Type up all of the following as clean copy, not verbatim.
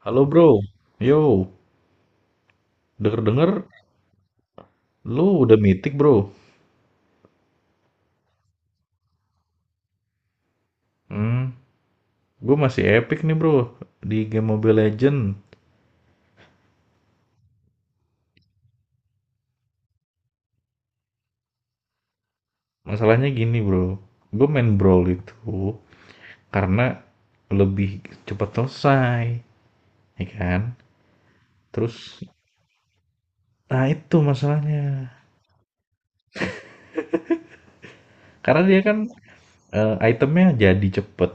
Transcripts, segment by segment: Halo bro, yo, denger-denger lu udah mythic bro. Hmm, gue masih epic nih bro di game Mobile Legend. Masalahnya gini bro, gue main Brawl itu karena lebih cepat selesai, ya kan? Terus, nah itu masalahnya. Karena dia kan itemnya jadi cepet,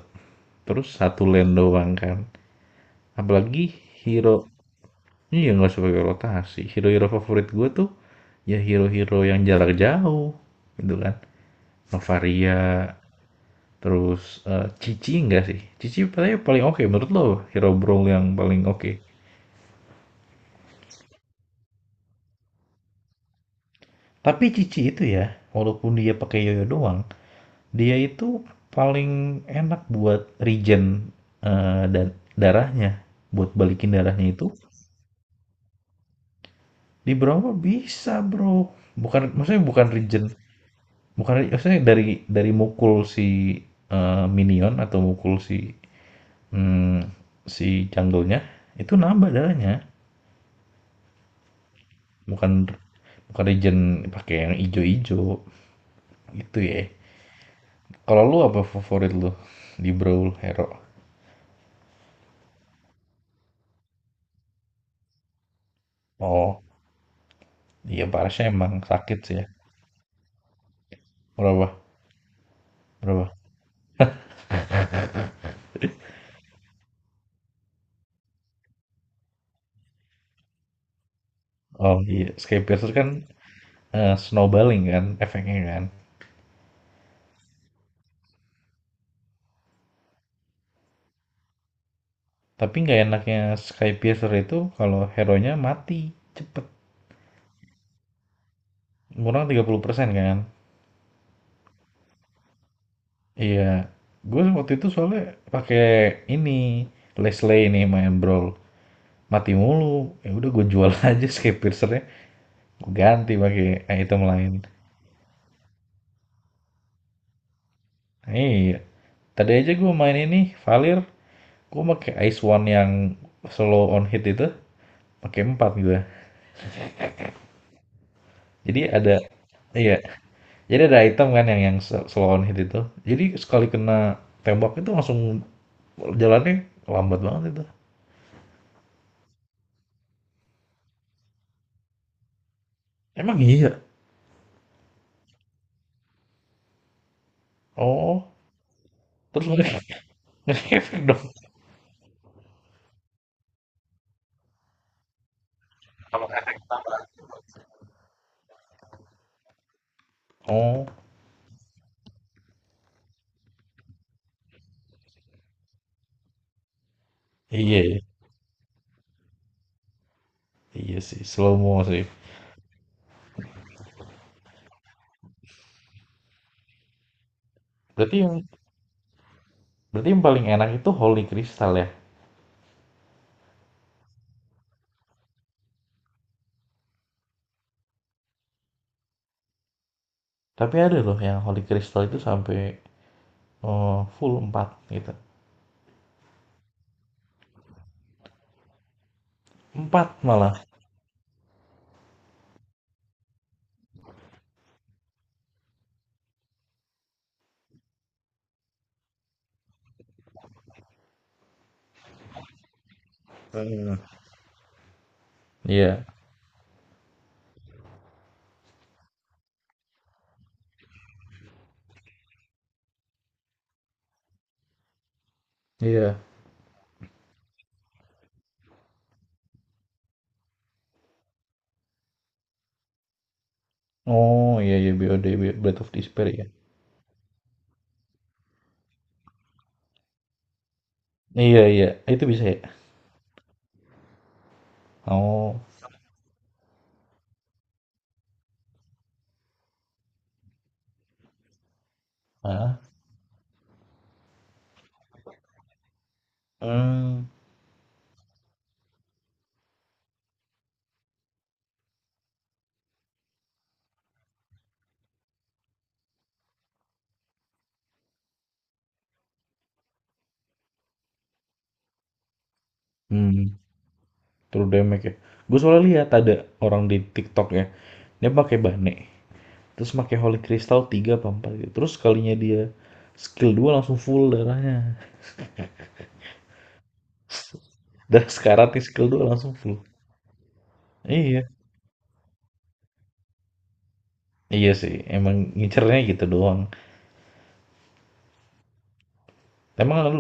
terus satu lane doang kan. Apalagi hero. Iya, nggak sebagai rotasi. Hero-hero favorit gue tuh ya hero-hero yang jarak jauh gitu kan. Novaria, terus Cici enggak sih? Cici paling paling oke menurut lo hero Brawl yang paling oke. Tapi Cici itu ya, walaupun dia pakai yoyo doang, dia itu paling enak buat regen, dan darahnya, buat balikin darahnya itu di Brawl bisa, Bro. Bukan maksudnya bukan regen. Bukan, maksudnya dari mukul si, minion atau mukul si, mmm, si jungle-nya, itu nambah darahnya. Bukan bukan regen pakai yang ijo-ijo, itu ya. Kalau lu apa favorit lu di Brawl Hero? Oh, iya parasnya emang sakit sih ya. Berapa berapa? Oh iya, Skypiercer kan, snowballing kan efeknya kan. Tapi nggak enaknya Skypiercer itu kalau hero-nya mati cepet, kurang 30% kan. Iya, gue waktu itu soalnya pakai ini Leslie ini main Brawl mati mulu. Ya udah gue jual aja snapcaster, gue ganti pakai item lain. Nah, iya, tadi aja gue main ini Valir, gue pakai Ice One yang slow on hit itu, pakai 4 gue. Jadi ada, iya, jadi ada item kan yang slow on hit itu. Jadi sekali kena tembak itu langsung jalannya lambat banget itu. Emang iya. Oh, terus mereka ngefek dong. Oh, iya ya. Iya sih, slow mo sih. Berarti yang berarti yang paling enak itu Holy Crystal ya. Tapi ada loh yang Holy Crystal itu sampai eh, full empat gitu. Empat malah. Hmm. Iya. Iya. Oh, iya iya BOD Breath of Despair ya. Iya iya, itu bisa ya. Oh. Ah. Hmm. Hmm. True damage ya. Gue soalnya lihat ada orang di TikTok ya. Dia pakai bane. Terus pakai holy crystal 3 apa 4 gitu, terus kalinya dia skill 2 langsung full darahnya. Darah sekarat nih, skill 2 langsung full. Iya iya sih, emang ngincernya gitu doang. Emang lalu,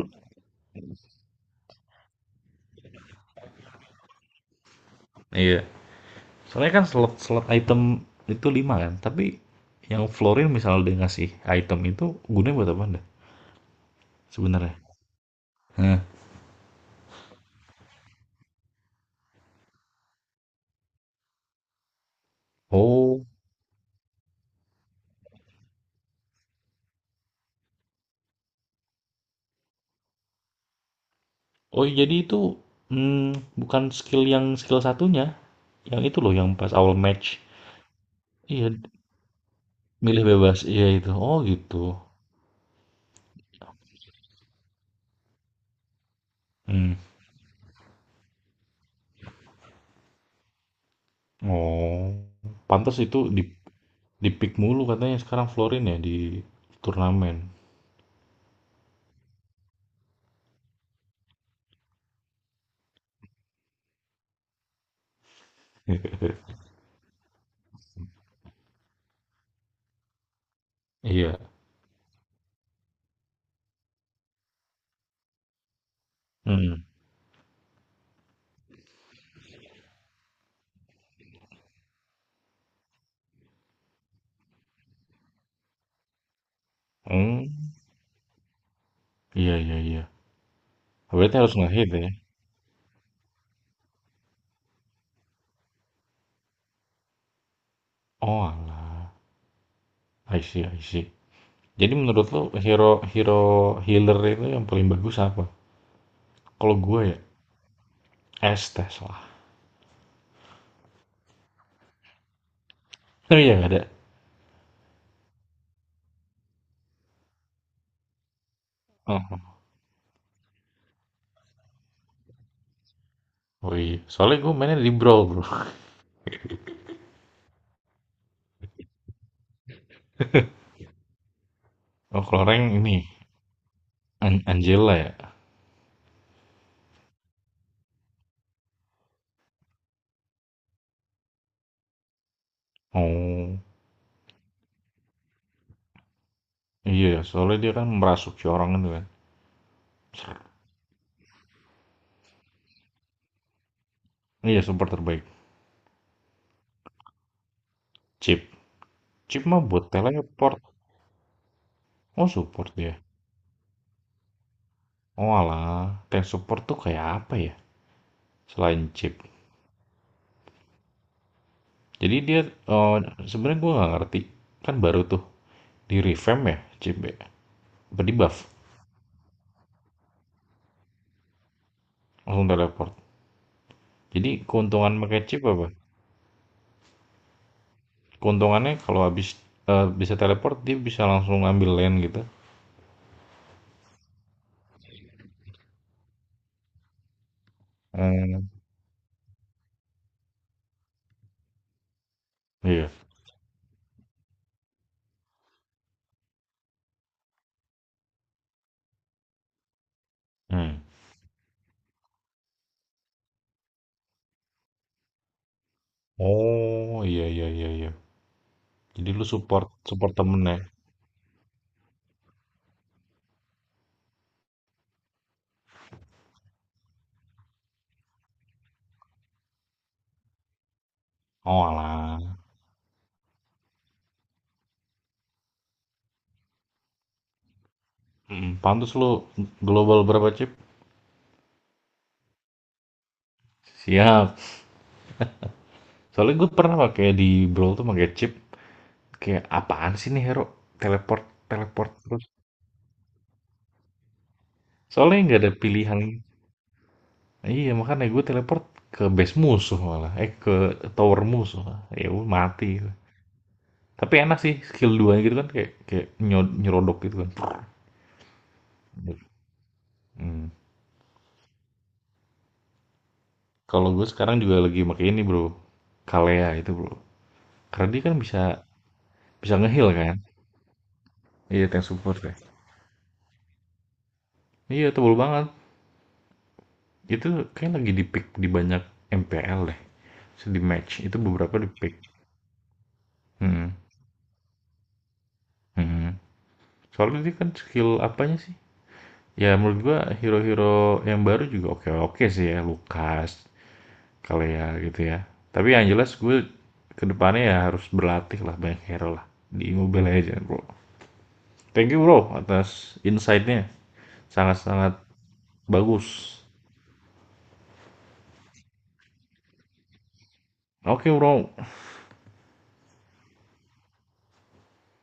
iya, soalnya kan slot slot item itu 5 kan, tapi yang Florin misalnya dia ngasih item itu gunanya buat apa, anda sebenarnya. Hah. Oh oh jadi itu, hmm, bukan skill, yang skill satunya, yang itu loh yang pas awal match. Iya milih bebas, iya itu oh gitu. Hmm. Oh, pantas itu di pick mulu katanya sekarang Florin ya di turnamen. Iya, hmm hmm, iya iya iya, berarti harus nge-hit ya? Oalah, I see I see. Jadi menurut lo hero hero healer itu yang paling bagus apa? Kalau gue ya, Estes lah. Oh gak ada? Oh, oh iya, soalnya gue mainnya di Brawl, Bro. Oh kalau rank ini, Angela ya? Oh, iya soalnya dia kan merasuki orang itu kan. Iya, support terbaik. Chip. Chip mah buat teleport. Oh, support dia. Oh alah, kayak support tuh kayak apa ya? Selain chip. Jadi dia, oh, sebenarnya gue nggak ngerti. Kan baru tuh di revamp ya, chip ya. Apa di buff? Langsung teleport. Jadi keuntungan pakai chip apa? Keuntungannya kalau habis bisa teleport, dia bisa langsung ambil lane gitu. Hmm, iya. Hmm. Oh, iya iya iya iya. Jadi lu support support temen ya. Oh alah. Mm, pantes lo global berapa chip? Siap. Soalnya gue pernah pakai di Brawl tuh pakai chip. Kayak apaan sih nih hero? Teleport, teleport terus. Soalnya nggak ada pilihan. Iya makanya gue teleport ke base musuh malah. Eh, ke tower musuh, lah. Ya gue mati. Tapi enak sih skill 2 gitu kan, kayak kayak nyerodok gitu kan. Hmm. Kalau gue sekarang juga lagi pakai ini bro. Kalea itu bro. Karena dia kan bisa bisa ngeheal kan. Iya tank support ya. Iya tebel banget. Itu kayaknya lagi di-pick di banyak MPL deh. Di match itu beberapa di-pick. Hmm, hmm. Soalnya dia kan skill apanya sih? Ya menurut gua hero-hero yang baru juga oke-oke sih ya, Lukas, Kalea gitu ya. Tapi yang jelas gue kedepannya ya harus berlatih lah banyak hero lah di Mobile Legends bro. Thank you bro atas insight-nya, sangat-sangat bagus. Oke bro.